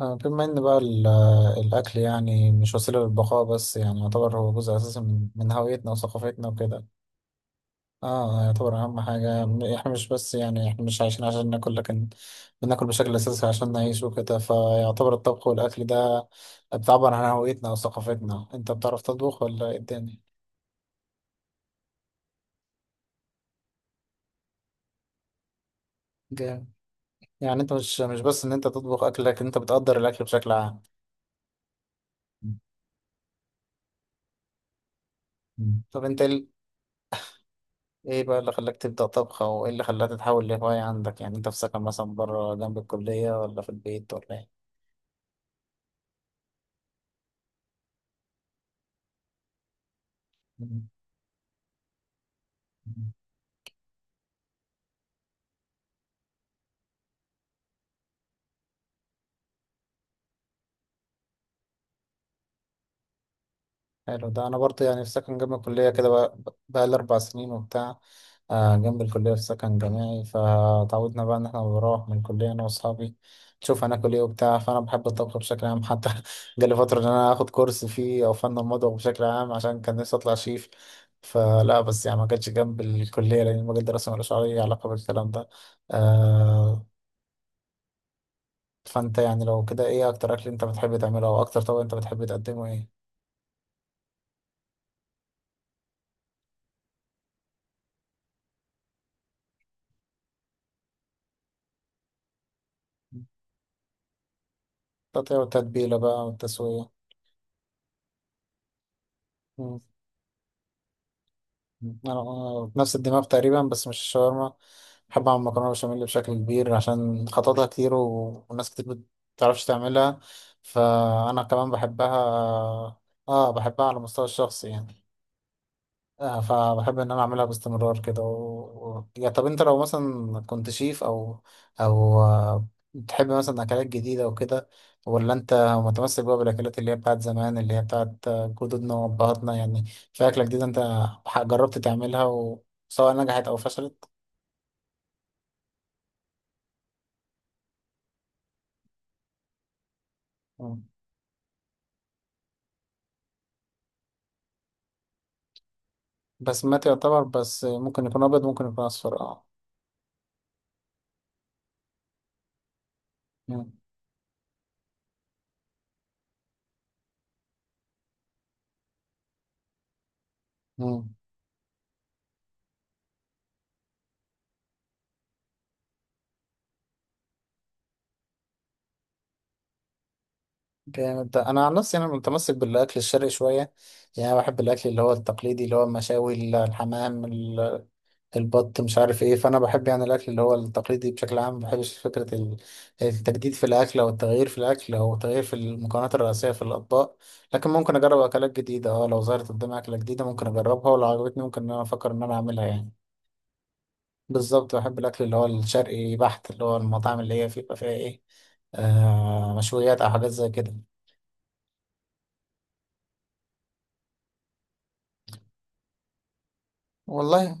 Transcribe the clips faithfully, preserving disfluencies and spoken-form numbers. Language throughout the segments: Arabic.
آه، بما ان بقى ال- الاكل يعني مش وسيله للبقاء، بس يعني يعتبر هو جزء اساسي من من هويتنا وثقافتنا وكده. اه، يعتبر اهم حاجه. م- احنا مش بس يعني احنا مش عايشين عشان ناكل، لكن بناكل بشكل اساسي عشان نعيش وكده. فيعتبر الطبخ والاكل ده بتعبر عن هويتنا وثقافتنا. انت بتعرف تطبخ ولا ايه الدنيا؟ جامد. يعني انت مش مش بس ان انت تطبخ اكل، لكن انت بتقدر الاكل بشكل عام. مم. طب انت، ايه بقى اللي خلاك تبدأ طبخ؟ او ايه اللي خلاها تتحول لهواية عندك؟ يعني انت في سكن مثلا بره جنب الكلية، ولا في البيت، ولا ايه؟ حلو ده. انا برضه يعني في سكن جنب الكليه كده، بقى بقى لي اربع سنين وبتاع. آه، جنب الكليه في سكن جامعي، فتعودنا بقى ان احنا بنروح من الكليه انا واصحابي نشوف هناكل ايه وبتاع. فانا بحب الطبخ بشكل عام. حتى جالي فتره ان انا اخد كورس فيه او فن المطبخ بشكل عام، عشان كان نفسي اطلع شيف. فلا، بس يعني ما كانش جنب الكليه لان المجال دراسه ملوش اي علاقه بالكلام ده. آه، فانت يعني لو كده، ايه اكتر اكل انت بتحب تعمله؟ او اكتر طبق انت بتحب تقدمه ايه؟ التقطيع والتتبيله بقى والتسويه. انا أنا نفس الدماغ تقريبا، بس مش الشاورما. بحب اعمل مكرونه بشاميل بشكل كبير عشان خططها كتير و- وناس كتير بتعرفش تعملها، فانا كمان بحبها. اه، بحبها على المستوى الشخصي يعني. آه، فبحب ان انا اعملها باستمرار كده و... و... يا طب انت لو مثلا كنت شيف، او او آه، بتحب مثلا اكلات جديده وكده؟ ولا انت متمسك بقى بالاكلات اللي هي بتاعت زمان، اللي هي بتاعت آه، جدودنا وابهاتنا يعني؟ في اكله جديده انت ح- جربت تعملها، وسواء نجحت او فشلت؟ مم. بس ما يعتبر، بس ممكن يكون ابيض، ممكن يكون اصفر، اه. مم. مم. جامد ده. انا عن نفسي انا متمسك بالاكل الشرقي شويه، يعني أنا بحب الاكل اللي هو التقليدي، اللي هو المشاوي، الحمام، البط، مش عارف ايه. فانا بحب يعني الاكل اللي هو التقليدي بشكل عام. ما بحبش فكره ال- التجديد في الاكل، او التغيير في الاكل، او التغيير في المكونات الرئيسيه في الاطباق. لكن ممكن اجرب اكلات جديده، اه. لو ظهرت قدامي اكله جديده ممكن اجربها، ولو عجبتني ممكن ان انا افكر ان انا اعملها يعني. بالظبط، بحب الاكل اللي هو الشرقي بحت، اللي هو المطاعم اللي هي فيه- بيبقى فيها ايه، آه مشويات او حاجات زي كده. والله.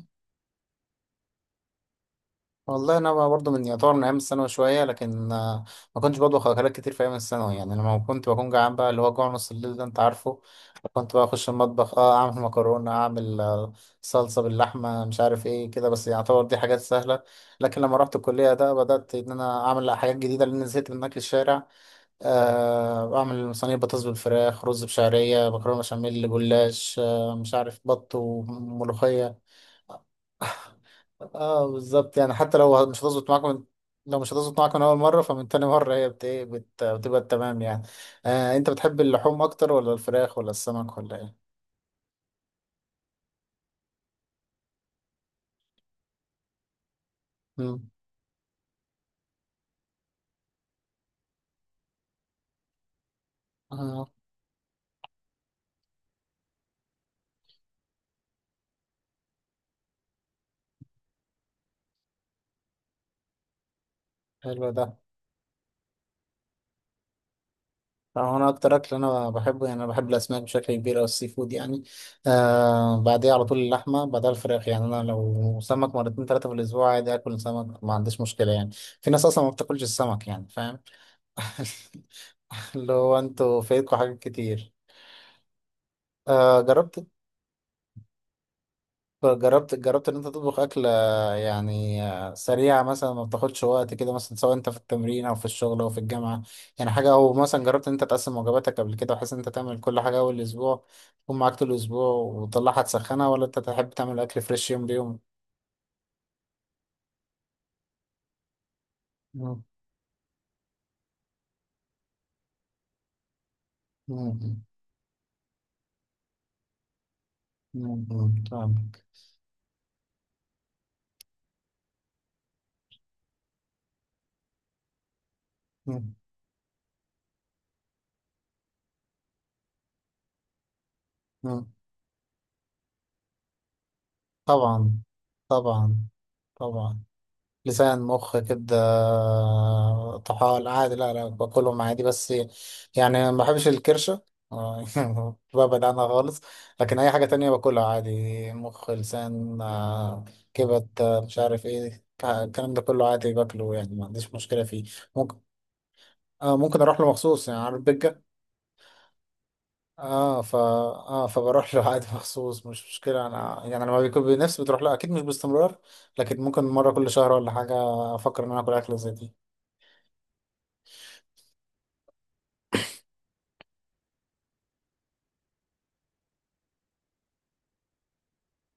والله انا بقى برضه من يعتبر من ايام الثانوي شويه، لكن آه، ما كنتش بطبخ اكلات كتير في ايام الثانوي يعني. لما كنت بكون جعان بقى، اللي هو جوع نص الليل ده، انت عارفه، كنت بقى اخش المطبخ، اه، اعمل مكرونه، اعمل آه، صلصه باللحمه، مش عارف ايه كده. بس يعتبر دي حاجات سهله. لكن لما رحت الكليه ده بدات ان انا اعمل حاجات جديده، لان زهقت من اكل الشارع. آه، اعمل صينيه بطاطس بالفراخ، رز بشعريه، مكرونه بشاميل، جلاش، آه، مش عارف، بط وملوخيه. اه بالظبط، يعني حتى لو مش هتظبط معاكم. لو مش هتظبط معاكم من اول مره، فمن تاني مره هي بت... إيه بت... بتبقى تمام يعني. آه انت بتحب اللحوم اكتر، ولا الفراخ، ولا السمك، ولا ايه؟ مم. اه، حلو ده. آه، انا اكتر اكل انا بحبه، يعني انا بحب الاسماك بشكل كبير او السي فود يعني. آه بعديها على طول اللحمه، بعدها الفراخ يعني. انا لو سمك مرتين ثلاثه في الاسبوع عادي، اكل سمك ما عنديش مشكله يعني. في ناس اصلا ما بتاكلش السمك يعني، فاهم؟ اللي هو انتوا فايتكم حاجات كتير. آه جربت جربت جربت ان انت تطبخ اكلة، يعني آه، سريعة مثلا ما بتاخدش وقت، كده مثلا، سواء انت في التمرين او في الشغل او في الجامعة، يعني حاجة؟ او مثلا جربت ان انت تقسم وجباتك قبل كده، بحيث ان انت تعمل كل حاجة اول اسبوع تكون معاك طول الاسبوع وتطلعها تسخنها؟ ولا انت تحب تعمل اكل فريش يوم بيوم؟ مم. مم. مم. مم. فاهمك. مم. مم. طبعا. طبعا. طبعا. لسان، مخ كده. طحال، عادي. لا لا، باكلهم عادي، بس يعني ما بحبش الكرشة. ببعد عنها خالص. لكن أي حاجة تانية باكلها عادي، مخ، لسان، آه، كبد، آه، مش عارف ايه الك- الكلام ده كله عادي باكله، يعني ما عنديش مشكلة فيه. ممكن، آه ممكن أروح له مخصوص يعني، عارف بيجا. اه، فا، اه فبروح له عادي مخصوص، مش مشكلة أنا يعني. لما بيكون بنفسي بتروح له أكيد، مش باستمرار. لكن ممكن مرة كل شهر ولا حاجة أفكر إن أنا آكل أكلة زي دي.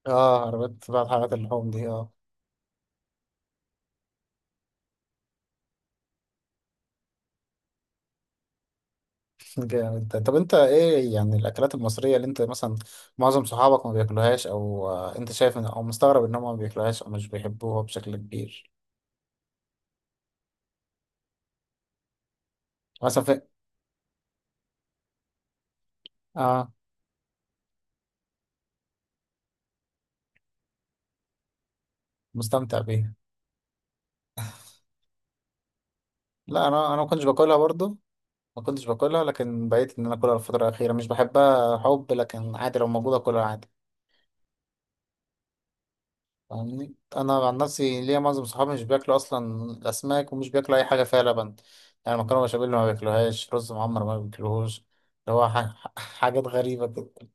اه، عربيات بقى، حلقات اللحوم دي، اه. جامد ده. طب انت ايه يعني الاكلات المصريه اللي انت مثلا معظم صحابك ما بياكلوهاش؟ او آه، انت شايف ان، او مستغرب انهم ما بياكلوهاش او مش بيحبوها بشكل كبير؟ مثلا في، اه، مستمتع بيها. لا، انا انا ما كنتش باكلها برضو. ما كنتش باكلها، لكن بقيت ان انا اكلها الفتره الاخيره. مش بحبها حب، لكن عادي لو موجوده اكلها عادي. فاهمني، انا عن نفسي، ليا معظم صحابي مش بياكلوا اصلا الاسماك، ومش بياكلوا اي حاجه فيها لبن، يعني مكرونه بشاميل ما بياكلوهاش، رز معمر ما بياكلوهوش. اللي هو ح- حاجات غريبه كده.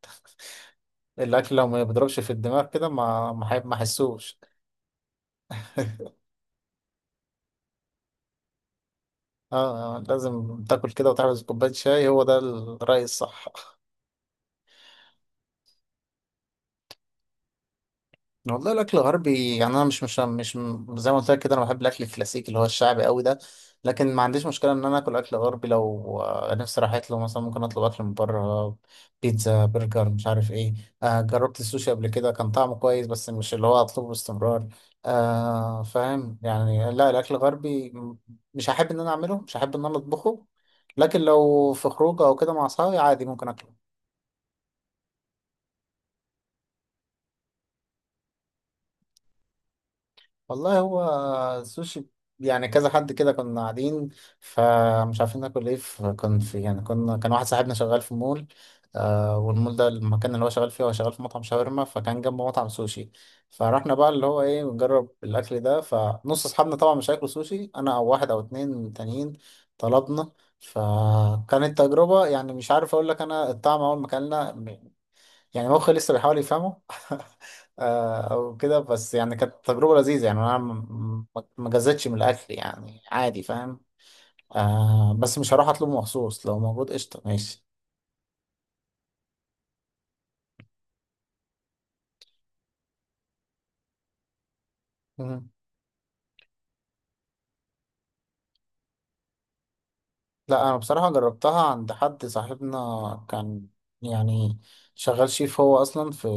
الاكل لو ما بيضربش في الدماغ كده ما ما حي- ما حسوش. اه. آه، لازم تاكل كده وتحبس كوبايه شاي، هو ده الرأي الصح. والله الاكل الغربي يعني انا مش مش مش، زي ما قلت لك كده، انا بحب الاكل الكلاسيكي اللي هو الشعبي قوي ده. لكن ما عنديش مشكله ان انا اكل اكل غربي لو آه، نفسي راحت له مثلا. ممكن اطلب اكل من بره، بيتزا، برجر، مش عارف ايه. آه جربت السوشي قبل كده، كان طعمه كويس، بس مش اللي هو اطلبه باستمرار. آه فاهم يعني. لا، الاكل الغربي م- مش هحب ان انا اعمله، مش هحب ان انا اطبخه. لكن لو في خروجه او كده مع اصحابي عادي ممكن اكله. والله هو، السوشي يعني، كذا حد كده كنا قاعدين، فمش عارفين ناكل ايه. فكان في يعني، كنا، كان واحد صاحبنا شغال في مول. آه والمول ده المكان اللي هو شغال فيه، هو شغال في مطعم شاورما، فكان جنبه مطعم سوشي. فرحنا بقى اللي هو ايه نجرب الاكل ده. فنص اصحابنا طبعا مش هياكلوا سوشي، انا او واحد او اتنين تانيين طلبنا. فكانت تجربة يعني، مش عارف اقول لك انا الطعم، اول ما اكلنا يعني مخي لسه بيحاول يفهمه. آه، او كده، بس يعني كانت تجربه لذيذه يعني، انا م- م- ما جزتش من الاكل يعني عادي، فاهم. آه بس مش هروح اطلبه مخصوص، لو موجود قشطه ماشي. لا، انا بصراحة جربتها عند حد صاحبنا، كان يعني شغال شيف. هو اصلا في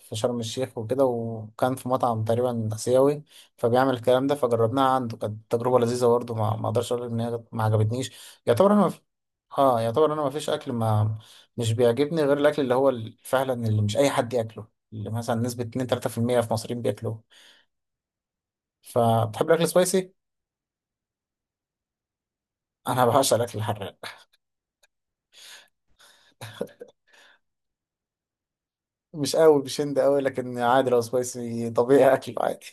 في شرم الشيخ وكده، وكان في مطعم تقريبا اسيوي، فبيعمل الكلام ده. فجربناها عنده، كانت تجربة لذيذة برضه، ما ما اقدرش اقول ان هي ما عجبتنيش. يعتبر انا ما في... اه يعتبر انا ما فيش اكل، ما مش بيعجبني غير الاكل اللي هو ال- فعلا اللي مش اي حد ياكله. اللي مثلا نسبة اتنين تلاته بالمية في المية في المصريين بياكلوه. فتحب الاكل سبايسي؟ انا بعشق الاكل الحراق. مش قوي، مش هند قوي، لكن عادي لو سبايسي طبيعي اكل عادي.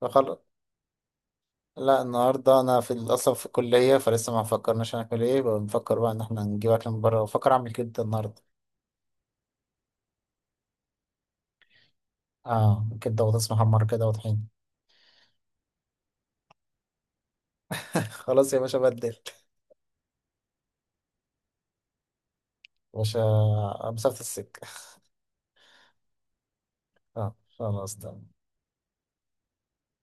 فخلاص. لا، النهارده انا في ال- اصلا في الكليه، فلسه ما فكرناش هناكل ايه. بنفكر بقى ان احنا نجيب اكل من بره، بفكر اعمل كبده النهارده. اه، كبده وبطاطس محمر كده وطحين. خلاص يا باشا. بدل يا باشا مسافه السكه. اه، خلاص تمام.